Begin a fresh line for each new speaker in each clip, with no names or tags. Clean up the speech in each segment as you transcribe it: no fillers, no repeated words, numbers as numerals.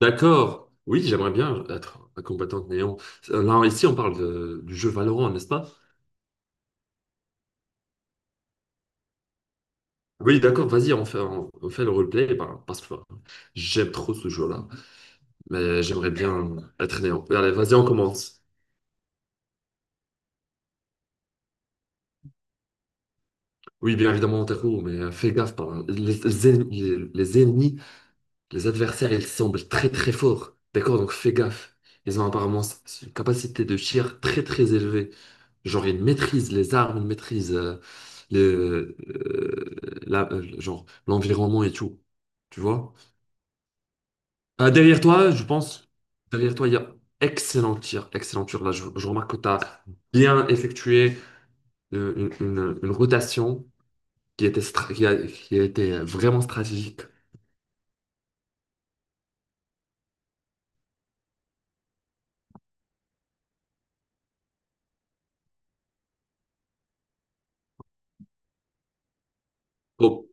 D'accord. Oui, j'aimerais bien être un combattant de néant. Là, ici, on parle du jeu Valorant, n'est-ce pas? Oui, d'accord, vas-y, on fait, on fait le roleplay bah, parce que enfin, j'aime trop ce jeu-là. Mais j'aimerais bien être néant. Allez, vas-y, on commence. Oui, bien évidemment, Taco, mais fais gaffe. Les ennemis, les ennemis, les adversaires, ils semblent très très forts. D'accord, donc fais gaffe. Ils ont apparemment une capacité de tir très très élevée. Genre, il maîtrise les armes, il maîtrise genre, l'environnement et tout. Tu vois? Derrière toi, je pense, derrière toi, il y a excellent tir, excellent tir. Là, je remarque que tu as bien effectué euh, une rotation qui était, qui a été vraiment stratégique. Bon,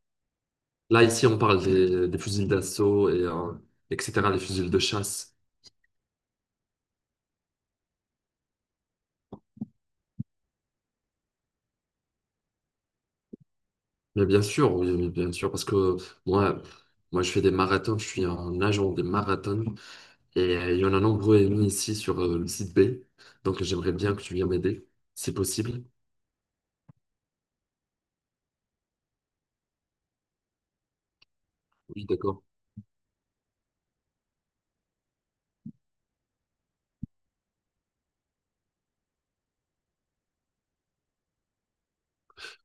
là, ici, on parle des fusils d'assaut et etc., les fusils de chasse. Mais bien sûr, oui, oui, bien sûr, parce que moi, moi, je fais des marathons, je suis un agent des marathons et il y en a nombreux émis ici sur le site B. Donc, j'aimerais bien que tu viennes m'aider, si possible. Oui, d'accord.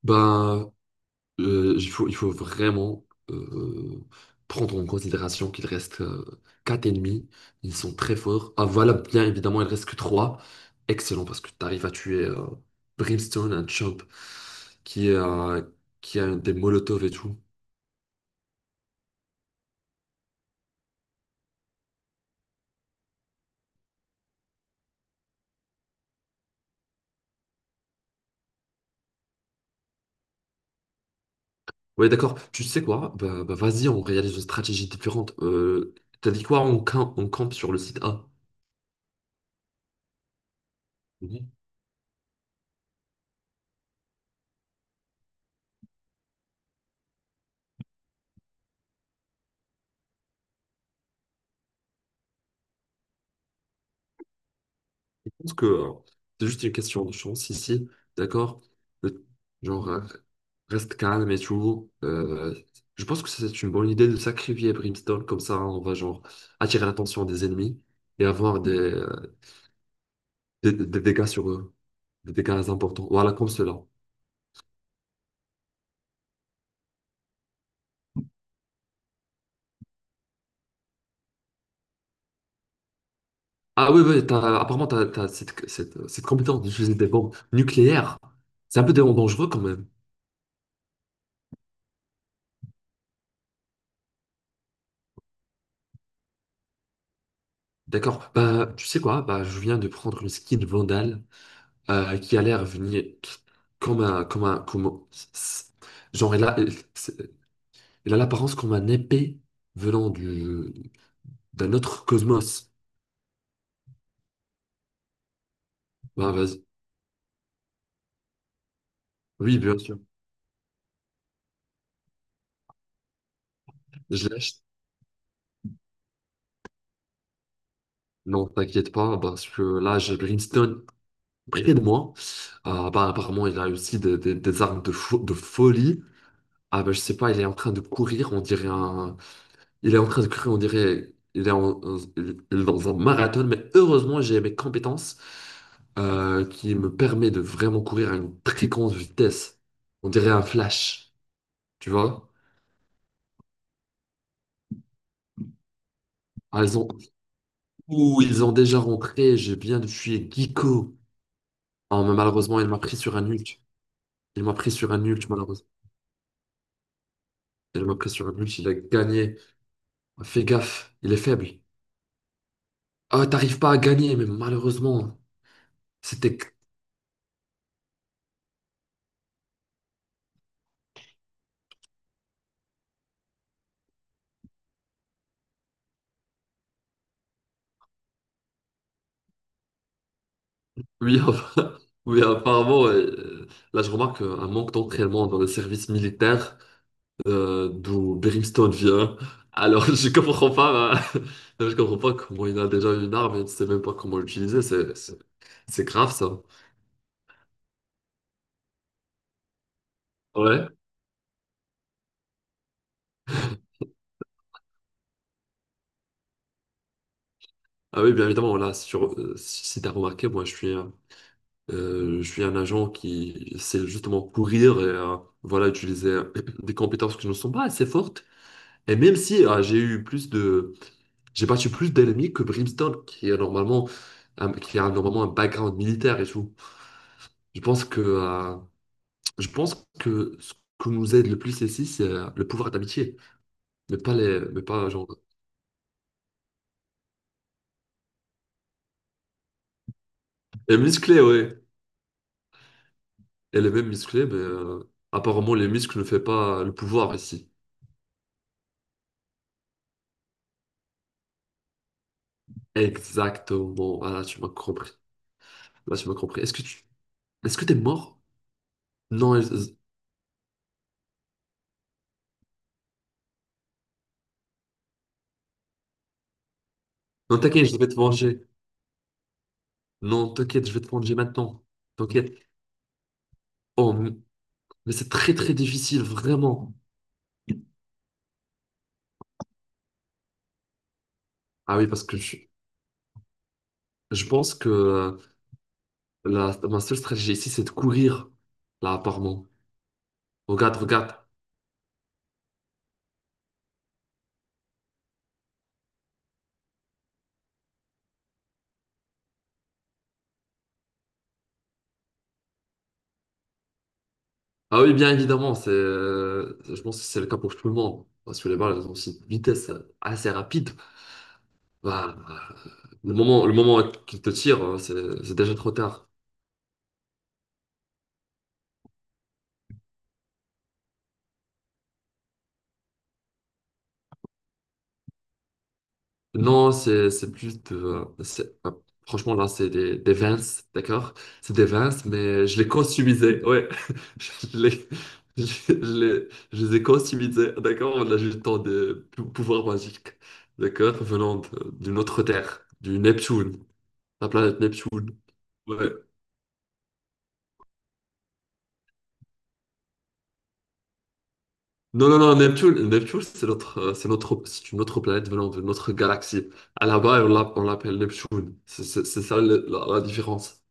Ben, il faut vraiment euh, prendre en considération qu'il reste quatre ennemis. Ils sont très forts. Ah, voilà, bien évidemment, il reste que trois. Excellent, parce que tu arrives à tuer Brimstone, un chump qui est, qui a des molotovs et tout. Ouais, d'accord. Tu sais quoi? Bah, bah, vas-y, on réalise une stratégie différente. T'as dit quoi? On campe sur le site A. Mhm. Je pense que c'est juste une question de chance ici. D'accord? Le- Genre, reste calme et tout. Je pense que c'est une bonne idée de sacrifier Brimstone. Comme ça, on va genre attirer l'attention des ennemis et avoir des dégâts sur eux. Des dégâts importants. Voilà, comme cela. Ah oui, oui, apparemment, tu as, cette compétence d'utiliser des bombes nucléaires. C'est un peu dangereux quand même. D'accord. Bah, tu sais quoi? Bah, je viens de prendre une skin Vandal qui a l'air venir comme un, comme un, comme... Genre, elle a l'apparence comme un épée venant du, d'un autre cosmos. Bah, vas-y. Oui, bien sûr. Je lâche. Non, t'inquiète pas, parce que là, j'ai Brimstone près de moi. Ah, bah, apparemment, il a aussi des, des armes de, de folie. Ah ben je sais pas, il est en train de courir, on dirait un... Il est en train de courir, on dirait... Il est, il est dans un marathon, mais heureusement j'ai mes compétences qui me permet de vraiment courir à une très grande vitesse. On dirait un flash, tu vois? Ah, ils ont... Ouh, ils ont déjà rentré, j'ai bien de tuer Giko. Ah, mais malheureusement, il m'a pris sur un ult. Il m'a pris sur un ult, malheureusement. Il m'a pris sur un ult, il a gagné. Fais gaffe, il est faible. Ah, t'arrives pas à gagner, mais malheureusement, c'était. Oui, enfin, oui, apparemment, ouais, là je remarque un manque d'entraînement dans le service militaire d'où Brimstone vient. Alors je comprends pas, hein. Je comprends pas comment il a déjà une arme et il ne sait même pas comment l'utiliser. C'est grave ça. Ouais. Ah oui, bien évidemment, là, sur, si t'as remarqué, moi je suis, je suis un agent qui sait justement courir et voilà, utiliser des compétences qui ne sont pas assez fortes. Et même si j'ai eu plus de. J'ai battu plus d'ennemis que Brimstone, qui a normalement un, qui a normalement un background militaire et tout. Je pense que, euh, je pense que ce que nous aide le plus ici, c'est le pouvoir d'amitié, mais pas les, mais pas genre. Et musclé, ouais. Elle est même musclée, mais apparemment les muscles ne fait pas le pouvoir ici. Exactement. Ah, là, tu m'as compris. Là, tu m'as compris. Est-ce que tu, est-ce que t'es mort? Non, je- non, t'inquiète, je vais te venger. Non, t'inquiète, je vais te venger maintenant. T'inquiète. Oh, mais c'est très très difficile, vraiment. Ah oui, parce que je pense que la, ma seule stratégie ici, c'est de courir, là, apparemment. Regarde, regarde. Ah oui, bien évidemment, c'est, je pense que c'est le cas pour tout le monde. Parce que les balles, elles ont aussi une vitesse assez rapide. Bah, le moment qu'ils te tirent, c'est déjà trop tard. Non, c'est plus de... franchement, là, c'est des Vans, d'accord? C'est des Vans, mais je les customisais, ouais. Je les, je les, je les ai customisés, d'accord? On a eu le temps de pouvoir magique, d'accord? Venant d'une autre terre, du Neptune, la planète Neptune, ouais. Non, non, non, Neptune, Neptune, c'est notre, c'est notre, c'est une autre planète venant de notre galaxie. À là-bas, on l'appelle Neptune. C'est ça la différence.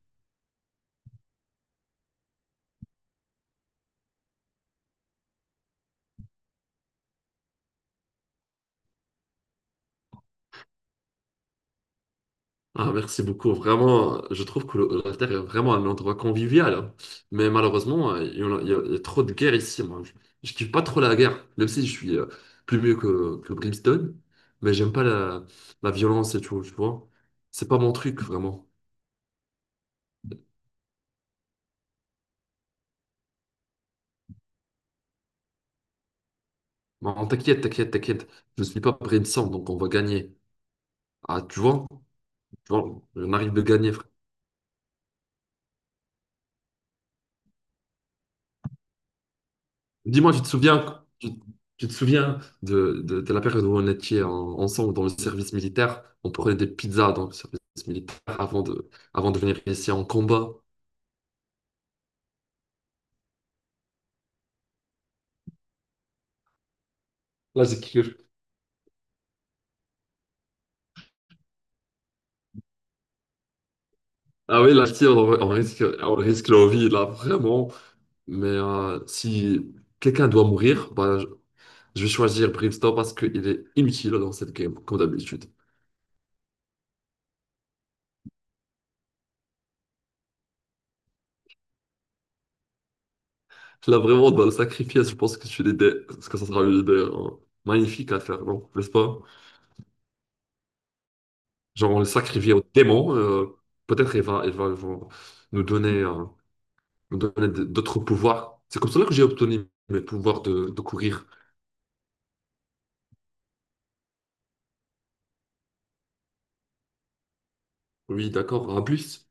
Ah, merci beaucoup. Vraiment, je trouve que la Terre est vraiment un endroit convivial, hein. Mais malheureusement, il y en a, il y a trop de guerres ici. Moi. Je kiffe pas trop la guerre, même si je suis plus mieux que Brimstone. Mais j'aime pas la, la violence et tout, tu vois. C'est pas mon truc, vraiment. Non, t'inquiète, t'inquiète, t'inquiète. Je suis pas Brimstone, donc on va gagner. Ah, tu vois? Tu vois, on arrive de gagner, frère. Dis-moi, tu te souviens, tu te souviens de la période où on était ensemble dans le service militaire? On prenait des pizzas dans le service militaire avant de venir ici en combat. Là, j'ai cru. Ah oui, là, si, on risque la vie, là, vraiment. Mais si quelqu'un doit mourir, bah, je vais choisir Brimstone parce qu'il est inutile dans cette game, comme d'habitude. Là, vraiment, dans le sacrifice, je pense que, tu l'idée, que ça sera une idée magnifique à faire, non? N'est-ce pas? Genre, on le sacrifiait au démon. Peut-être il va, il va, il va nous donner, euh, nous donner d'autres pouvoirs. C'est comme cela que j'ai obtenu mes pouvoirs de courir. Oui, d'accord, un plus.